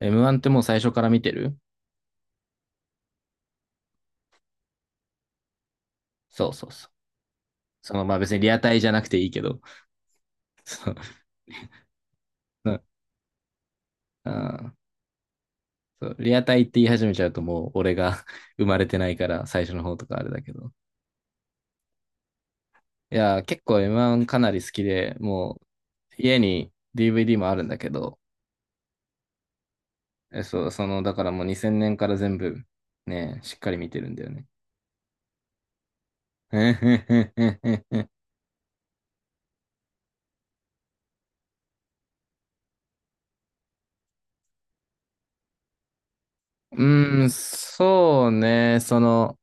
M1 ってもう最初から見てる。そうそうそう。まあ別にリアタイじゃなくていいけど、そう、あそうリアタイって言い始めちゃうともう俺が 生まれてないから最初の方とかあれだけど。いや結構 M1 かなり好きで、もう家に DVD もあるんだけど、え、そう、その、だからもう2000年から全部ね、しっかり見てるんだよね。そうね、その、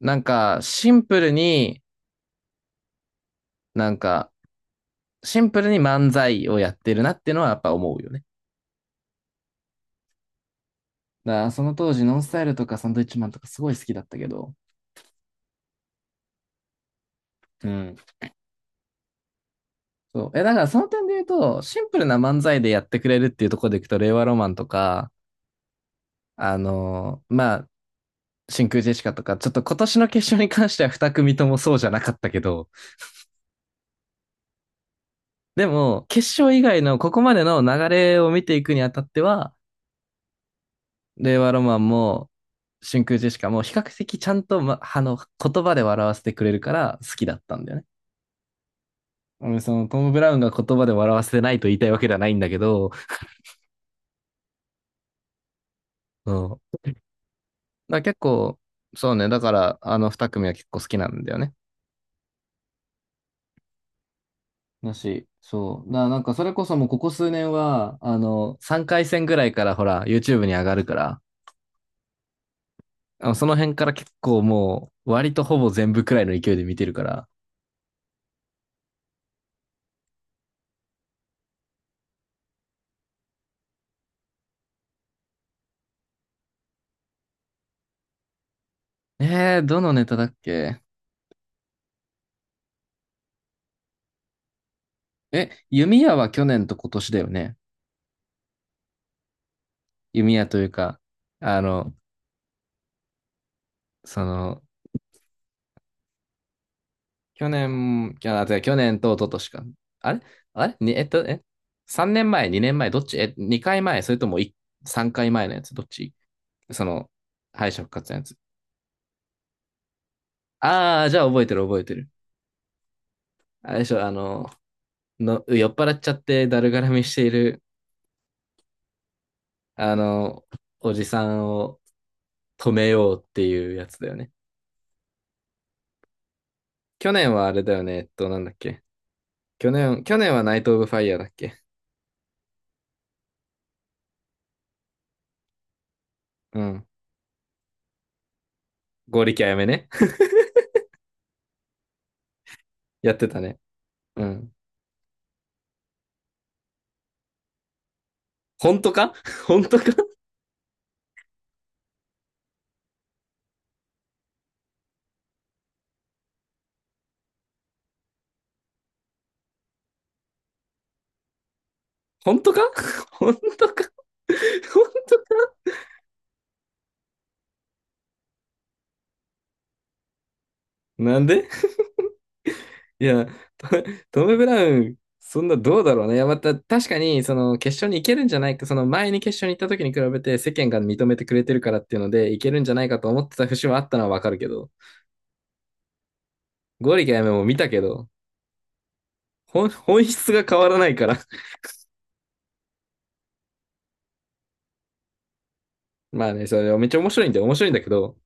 なんかシンプルに、なんか、シンプルに漫才をやってるなっていうのはやっぱ思うよね。だからその当時ノンスタイルとかサンドイッチマンとかすごい好きだったけど、うん。そう。だからその点で言うと、シンプルな漫才でやってくれるっていうところでいくと、令和ロマンとか、あのーまあ、真空ジェシカとか、ちょっと今年の決勝に関しては二組ともそうじゃなかったけど、でも、決勝以外のここまでの流れを見ていくにあたっては、令和ロマンも真空ジェシカも比較的ちゃんと、ま、あの、言葉で笑わせてくれるから好きだったんだよね。うんそのトム・ブラウンが言葉で笑わせてないと言いたいわけではないんだけど、うん。だから結構、そうね、だから、あの二組は結構好きなんだよね。だし、そう。なんかそれこそもうここ数年は、3回戦ぐらいからほら、YouTube に上がるから、あのその辺から結構もう、割とほぼ全部くらいの勢いで見てるから。どのネタだっけ。弓矢は去年と今年だよね。弓矢というか、あの、その、去年、きゃあ、違う去年と一昨年か。あれあれに、えっと、え ?3 年前、2年前、どっちえ、2回前、それとも3回前のやつ、どっち、その、敗者復活のやつ。ああ、じゃあ覚えてる覚えてる。あれでしょ、酔っ払っちゃってだるがらみしている、あの、おじさんを止めようっていうやつだよね。去年はあれだよね、えっと、なんだっけ。去年はナイト・オブ・ファイヤーだっけ。うん。剛力あやめね。やってたね。うん。本当か。 本当か。本当か。 本当か。 本当か。なんで。いや、トトム・ブラウン、そんなどうだろうね。いや、また確かに、その決勝に行けるんじゃないか、その前に決勝に行った時に比べて世間が認めてくれてるからっていうので、行けるんじゃないかと思ってた節はあったのはわかるけど、ゴリかやめも見たけど、本質が変わらないから。まあね、それめっちゃ面白いんだよ。面白いんだけど、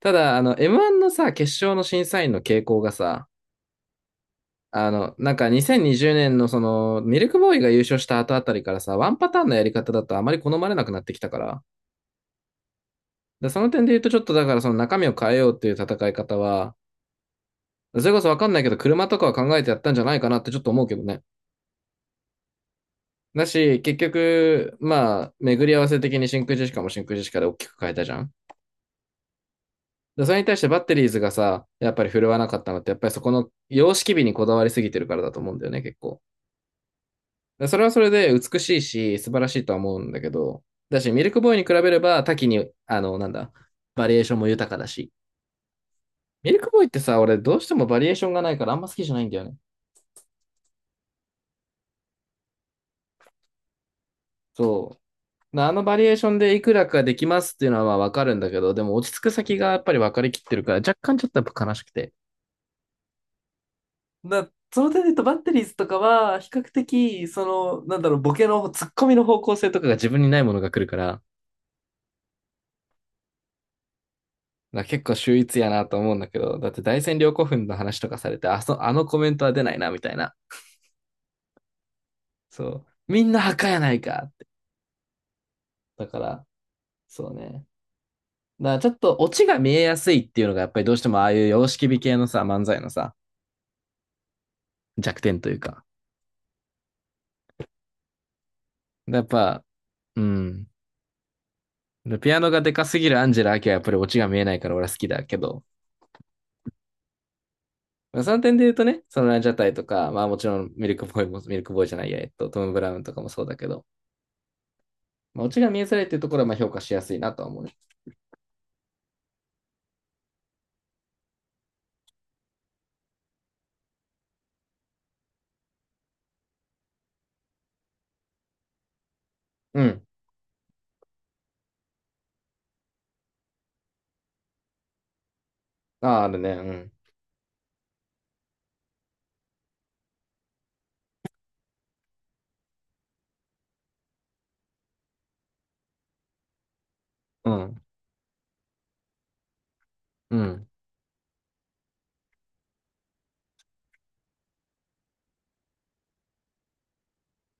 ただ、あの、M1 のさ、決勝の審査員の傾向がさ、2020年のその、ミルクボーイが優勝した後あたりからさ、ワンパターンのやり方だとあまり好まれなくなってきたから。で、その点で言うとちょっとだからその中身を変えようっていう戦い方は、それこそわかんないけど、車とかは考えてやったんじゃないかなってちょっと思うけどね。だし、結局、まあ、巡り合わせ的に真空ジェシカも真空ジェシカで大きく変えたじゃん。で、それに対してバッテリーズがさ、やっぱり振るわなかったのって、やっぱりそこの様式美にこだわりすぎてるからだと思うんだよね、結構。でそれはそれで美しいし、素晴らしいとは思うんだけど、だし、ミルクボーイに比べれば多岐に、あの、なんだ、バリエーションも豊かだし。ミルクボーイってさ、俺どうしてもバリエーションがないからあんま好きじゃないんだよね。そう。あのバリエーションでいくらかできますっていうのはまあわかるんだけど、でも落ち着く先がやっぱり分かりきってるから、若干ちょっとやっぱ悲しくて。だその点で言うとバッテリーズとかは、比較的、ボケの、ツッコミの方向性とかが自分にないものが来るから、だから結構秀逸やなと思うんだけど、だって大戦陵古墳の話とかされて、あのコメントは出ないな、みたいな。そう。みんな墓やないかって。だから、そうね。だからちょっとオチが見えやすいっていうのが、やっぱりどうしてもああいう様式美系のさ、漫才のさ、弱点というか。やっぱ、うん。でピアノがでかすぎるアンジェラ・アキはやっぱりオチが見えないから俺は好きだけど、まあその点で言うとね、そのランジャタイとか、まあもちろんミルクボーイも、ミルクボーイじゃないや、えっと、トム・ブラウンとかもそうだけど、まあ、オチが見えづらいっていうところはまあ評価しやすいなとは思うね。うん。ああ、あるね。うん。うん。うん。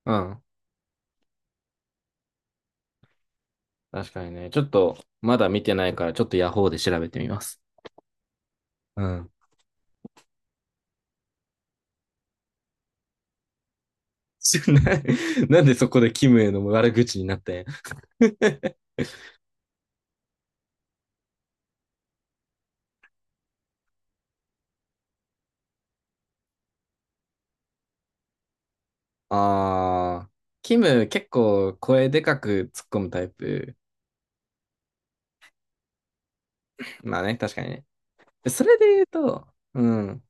うん。確かにね。ちょっと、まだ見てないから、ちょっとヤホーで調べてみます。うん。な、なんでそこでキムへの悪口になってん。 ああ、キム結構声でかく突っ込むタイプ。まあね、確かにね。それで言うと、うん。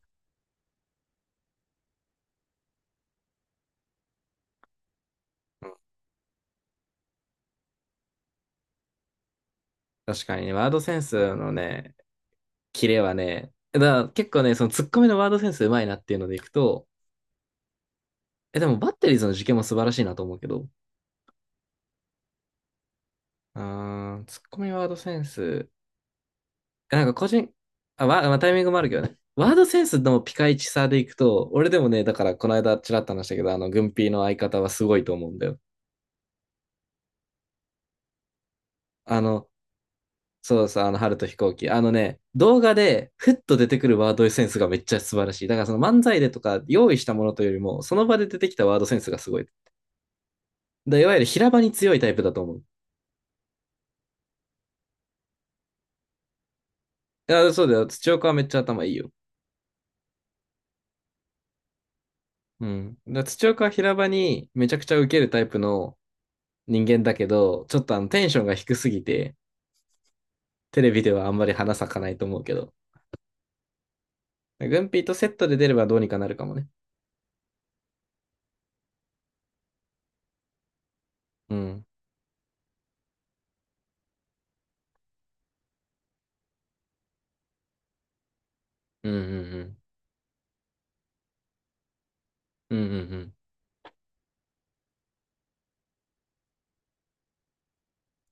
確かにね、ワードセンスのね、キレはね、だから結構ね、その突っ込みのワードセンスうまいなっていうのでいくと、え、でもバッテリーズの事件も素晴らしいなと思うけど、あー、ツッコミワードセンス。なんか個人、あ、わ、まあ、タイミングもあるけどね。ワードセンスのピカイチさでいくと、俺でもね、だからこの間ちらっと話したけど、あの、軍ピーの相方はすごいと思うんだよ。あの、そう、あの、春と飛行機。あのね、動画でふっと出てくるワードセンスがめっちゃ素晴らしい。だからその漫才でとか用意したものというよりも、その場で出てきたワードセンスがすごい。だ、いわゆる平場に強いタイプだと思う。いや、そうだよ。土岡はめっちゃ頭いいよ。うん。だから土岡は平場にめちゃくちゃ受けるタイプの、人間だけど、ちょっとあのテンションが低すぎて、テレビではあんまり花咲かないと思うけど、グンピーとセットで出ればどうにかなるかもね。うん。うんうんうん。うんうんうん。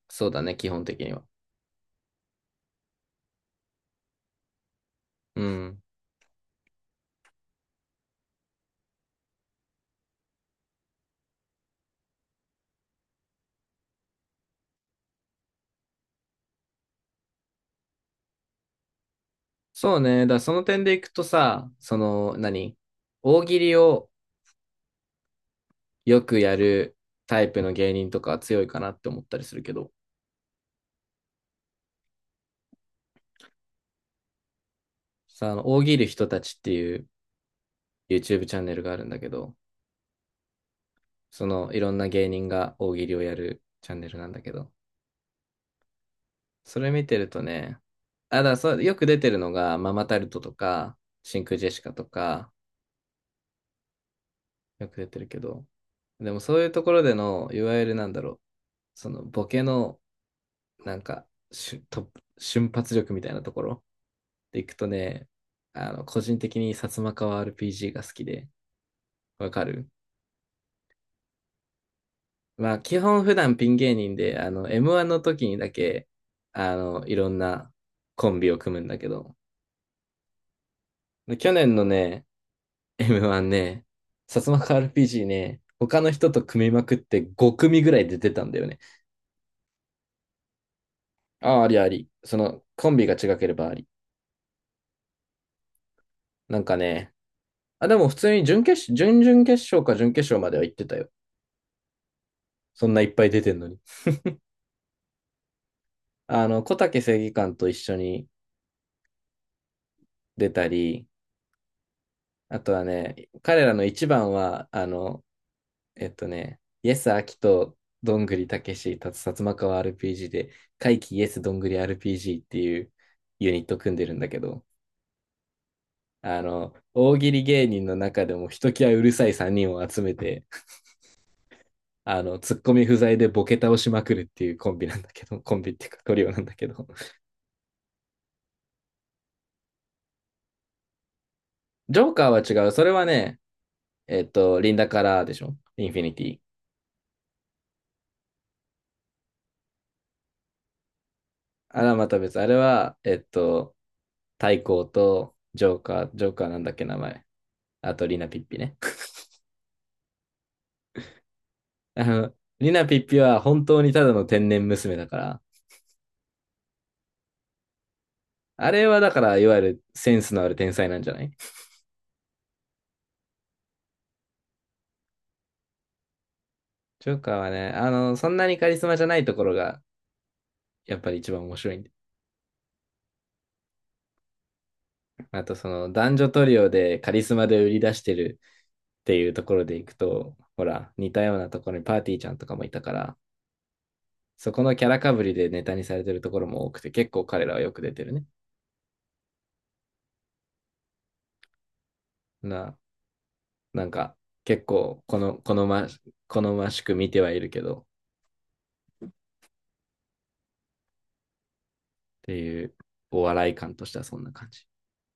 そうだね、基本的には。うん。そうね。だからその点でいくとさ、大喜利をよくやるタイプの芸人とかは強いかなって思ったりするけど、あの、大喜利人たちっていう YouTube チャンネルがあるんだけど、その、いろんな芸人が大喜利をやるチャンネルなんだけど、それ見てるとね、だからそう、よく出てるのが、ママタルトとか、真空ジェシカとか、よく出てるけど、でもそういうところでの、いわゆるなんだろう、そのボケの、なんか、しゅ、と、瞬発力みたいなところでいくとね、あの、個人的に薩摩川 RPG が好きで、わかる。まあ、基本普段ピン芸人で、あの、M1 の時にだけ、あの、いろんなコンビを組むんだけど、で去年のね、M1 ね、薩摩川 RPG ね、他の人と組みまくって5組ぐらいで出たんだよね。ああ、ありあり。その、コンビが違ければあり。なんかね、あ、でも普通に準々決勝か準決勝までは行ってたよ。そんないっぱい出てんのに。あの、小竹正義感と一緒に出たり、あとはね、彼らの一番は、イエス・アキとどんぐりたけし、たつ薩摩川 RPG で、怪奇イエス・どんぐり RPG っていうユニット組んでるんだけど、あの、大喜利芸人の中でもひときわうるさい3人を集めて、あの、ツッコミ不在でボケ倒しまくるっていうコンビなんだけど、コンビっていうかトリオなんだけど。ジョーカーは違う。それはね、えっと、リンダからでしょインフィニティ。あれはまた別。あれは、えっと、太閤とジョーカー、ジョーカーなんだっけ名前。あと、リナピッピね。あの、リナピッピは本当にただの天然娘だから、あれはだから、いわゆるセンスのある天才なんじゃない。ジョーカーはね、あの、そんなにカリスマじゃないところが、やっぱり一番面白いんで。あと、その、男女トリオでカリスマで売り出してるっていうところでいくと、ほら、似たようなところにパーティーちゃんとかもいたから、そこのキャラかぶりでネタにされてるところも多くて、結構彼らはよく出てるね。な、なんか、結構、この、好ま、好ましく見てはいるけど、っていう、お笑い感としてはそんな感じ。